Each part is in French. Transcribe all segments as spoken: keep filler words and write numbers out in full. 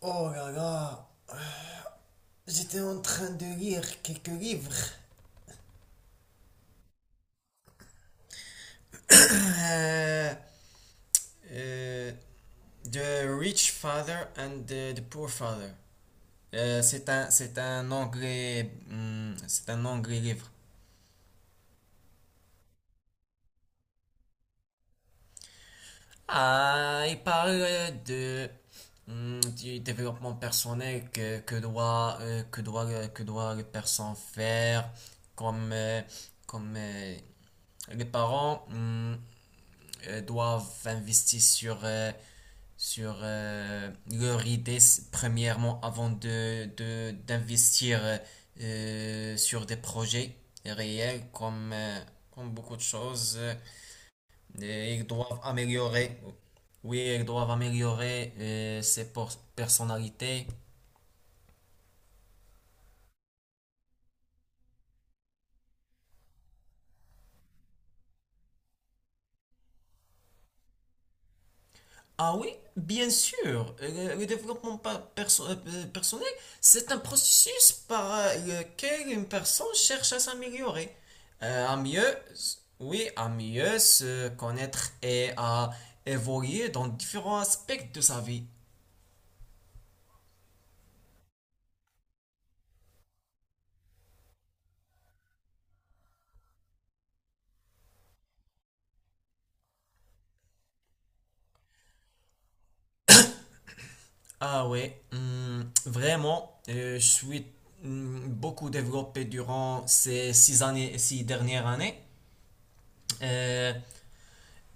Oh là là, j'étais en train de lire quelques livres. Euh, euh, The Rich Father and the, the Poor Father. Euh, c'est un, c'est un anglais, hum, c'est un anglais livre. Ah, il parle de hum, du développement personnel que, que doit euh, que doit le- que doit les personnes faire, comme euh, comme euh, les parents hum, euh, doivent investir sur, euh, sur euh, leur idée s- premièrement avant de, de- d'investir euh, euh, sur des projets réels comme, euh, comme beaucoup de choses. Euh, et ils doivent améliorer, oui, ils doivent améliorer euh, ses por- personnalités. Ah oui, bien sûr. Euh, Le développement pa- perso- euh, euh, personnel, c'est un processus par euh, lequel une personne cherche à s'améliorer, euh, à mieux, s- oui, à mieux se connaître et à évoluer dans différents aspects de sa vie. Ah ouais, hum, vraiment, euh, je suis hum, beaucoup développé durant ces six années, six dernières années. Euh,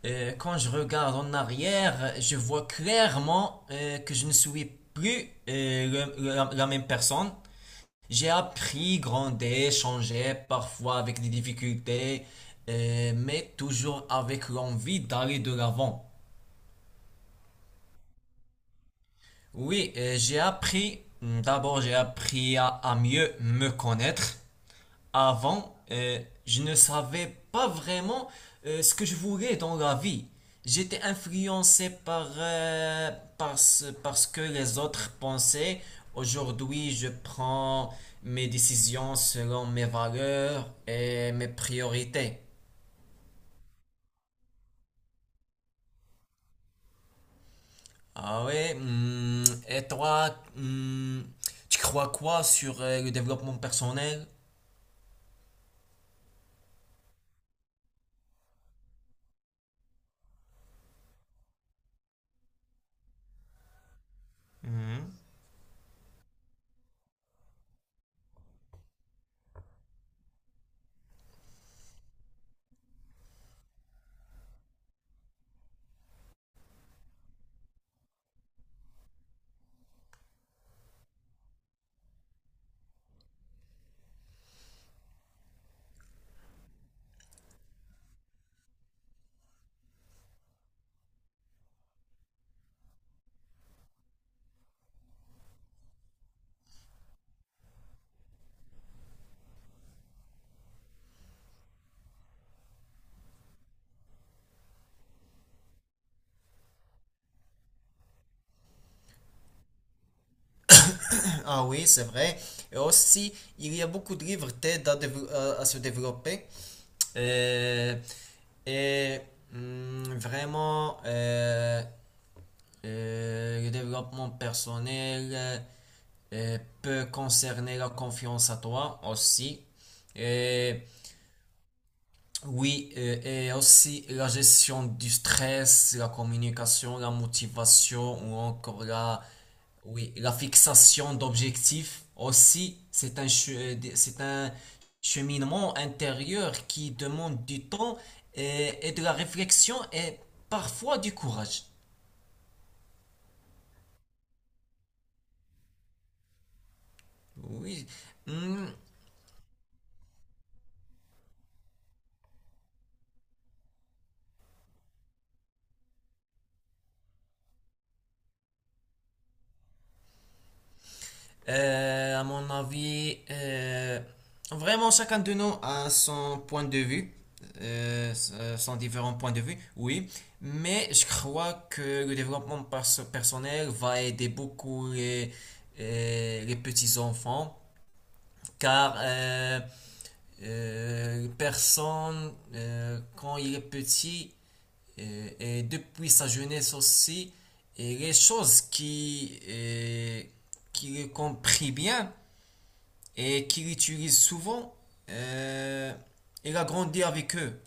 Euh, quand je regarde en arrière, je vois clairement euh, que je ne suis plus euh, le- le- la, la même personne. J'ai appris, grandi, changé, parfois avec des difficultés, euh, mais toujours avec l'envie d'aller de l'avant. Oui, euh, j'ai appris, d'abord j'ai appris à à mieux me connaître. Avant, euh, je ne savais pas vraiment euh, ce que je voulais dans la vie. J'étais influencé par, euh, par, ce, par ce que les autres pensaient. Aujourd'hui, je prends mes décisions selon mes valeurs et mes priorités. Ah ouais, hmm, et toi, hmm, tu crois quoi sur euh, le développement personnel? Mhm. Ah oui, c'est vrai. Et aussi, il y a beaucoup de liberté d'aide à, dévo- à- à se développer. Euh, et hum, vraiment, euh, euh, le développement personnel euh, peut concerner la confiance à toi aussi. Oui, euh, et aussi la gestion du stress, la communication, la motivation ou encore la, oui, la fixation d'objectifs aussi, c'est un, che- c'est un cheminement intérieur qui demande du temps et, et de la réflexion et parfois du courage. Oui. Hmm, Euh, à mon avis, euh, vraiment chacun de nous a son point de vue, euh, euh, son différents points de vue, oui, mais je crois que le développement perso- personnel va aider beaucoup les, euh, les petits enfants, car euh, euh, personne, euh, quand il est petit, euh, et depuis sa jeunesse aussi, et les choses qui, euh, qui le comprit bien, et qu'il utilise souvent. euh, il a grandi avec eux.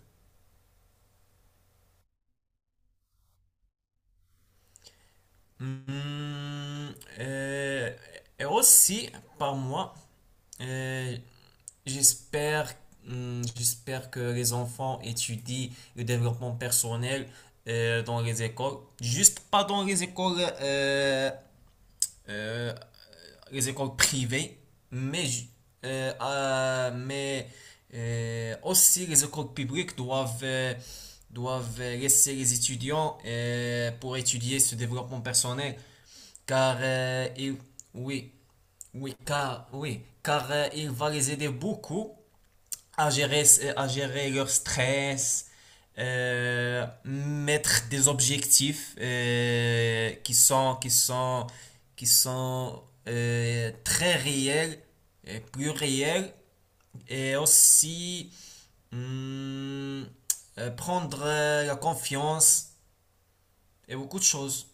Hmm, euh, et aussi, par moi, euh, j'espère, hmm, j'espère que les enfants étudient le développement personnel euh, dans les écoles. Juste pas dans les écoles euh, euh, les écoles privées, mais, euh, euh, mais euh, aussi les écoles publiques doivent, euh, doivent laisser les étudiants euh, pour étudier ce développement personnel, car euh, il- oui, oui, car oui, car euh, il va les aider beaucoup à gérer, à gérer leur stress, euh, mettre des objectifs euh, qui sont, qui sont, qui sont euh, très réels, et plus réels, et aussi hum, euh, prendre euh, la confiance et beaucoup de choses.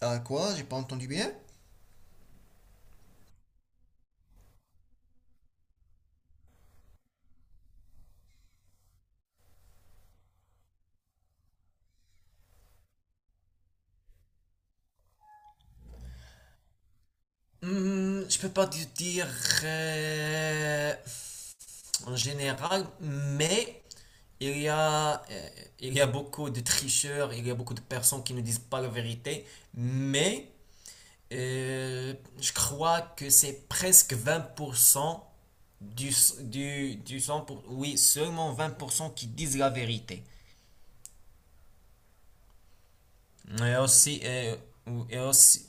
Ah quoi? J'ai pas entendu bien? Hmm, je peux pas te dire euh, en général, mais il y a, euh, il y a beaucoup de tricheurs, il y a beaucoup de personnes qui ne disent pas la vérité, mais euh, je crois que c'est presque vingt pour cent du, s- du, du cent pour- oui, seulement vingt pour cent qui disent la vérité. Et aussi, euh, ou- et aussi,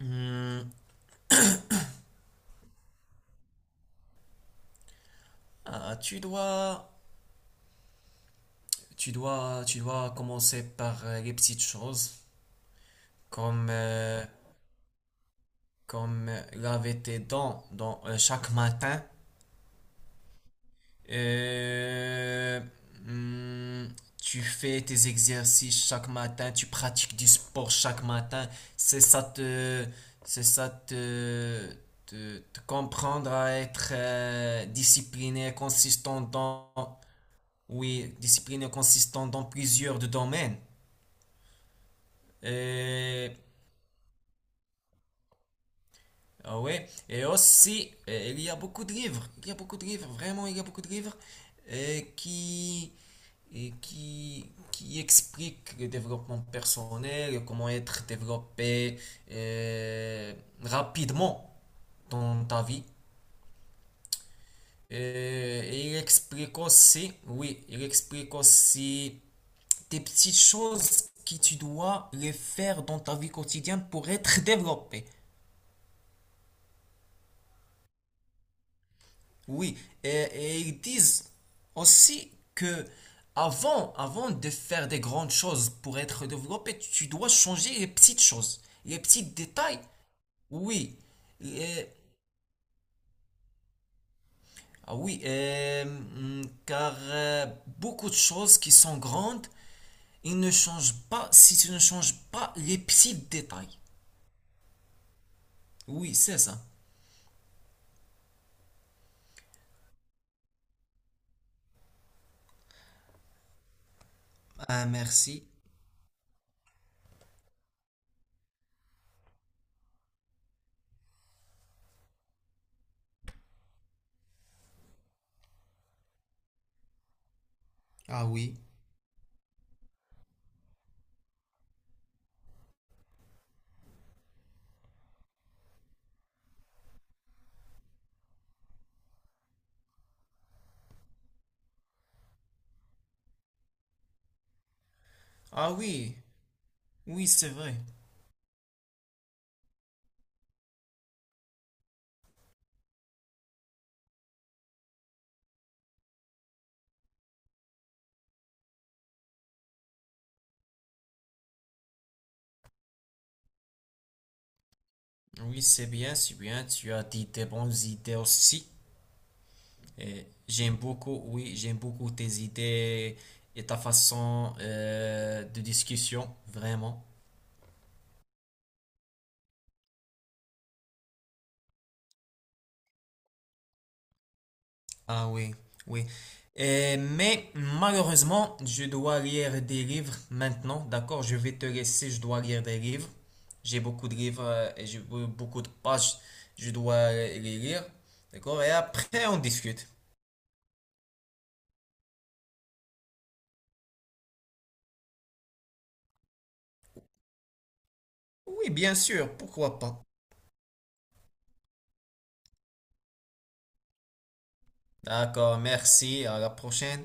hmm, ah, tu dois... Tu dois, tu dois commencer par euh, les petites choses, comme, euh, comme euh, laver tes dents dans, euh, chaque matin. Euh, hum, Tu fais tes exercices chaque matin, tu pratiques du sport chaque matin. C'est ça te, c'est ça te, te, te comprendre à être euh, discipliné, consistant dans, oui, discipliné, consistant dans plusieurs de domaines. Euh, Ah ouais, et aussi, euh, il y a beaucoup de livres, il y a beaucoup de livres, vraiment, il y a beaucoup de livres euh, qui, et qui, qui expliquent le développement personnel, comment être développé euh, rapidement dans ta vie. Euh, et il explique aussi, oui, il explique aussi des petites choses que tu dois les faire dans ta vie quotidienne pour être développé. Oui, et, et ils disent aussi que avant, avant de faire des grandes choses pour être développé, tu dois changer les petites choses, les petits détails. Oui, et- ah oui, et, hum, car euh, beaucoup de choses qui sont grandes, ils ne changent pas si tu ne changes pas les petits détails. Oui, c'est ça. Ah, merci. Ah oui. Ah oui, oui, c'est vrai. Oui, c'est bien, c'est bien, tu as dit des bonnes idées aussi. Et j'aime beaucoup, oui, j'aime beaucoup tes idées et ta façon euh, de discussion, vraiment. Ah oui, oui. Et- mais malheureusement, je dois lire des livres maintenant, d'accord? Je vais te laisser, je dois lire des livres. J'ai beaucoup de livres euh, et j'ai be- beaucoup de pages, je dois euh, les lire, d'accord? Et après, on discute. Oui, bien sûr, pourquoi pas. D'accord, merci, à la prochaine.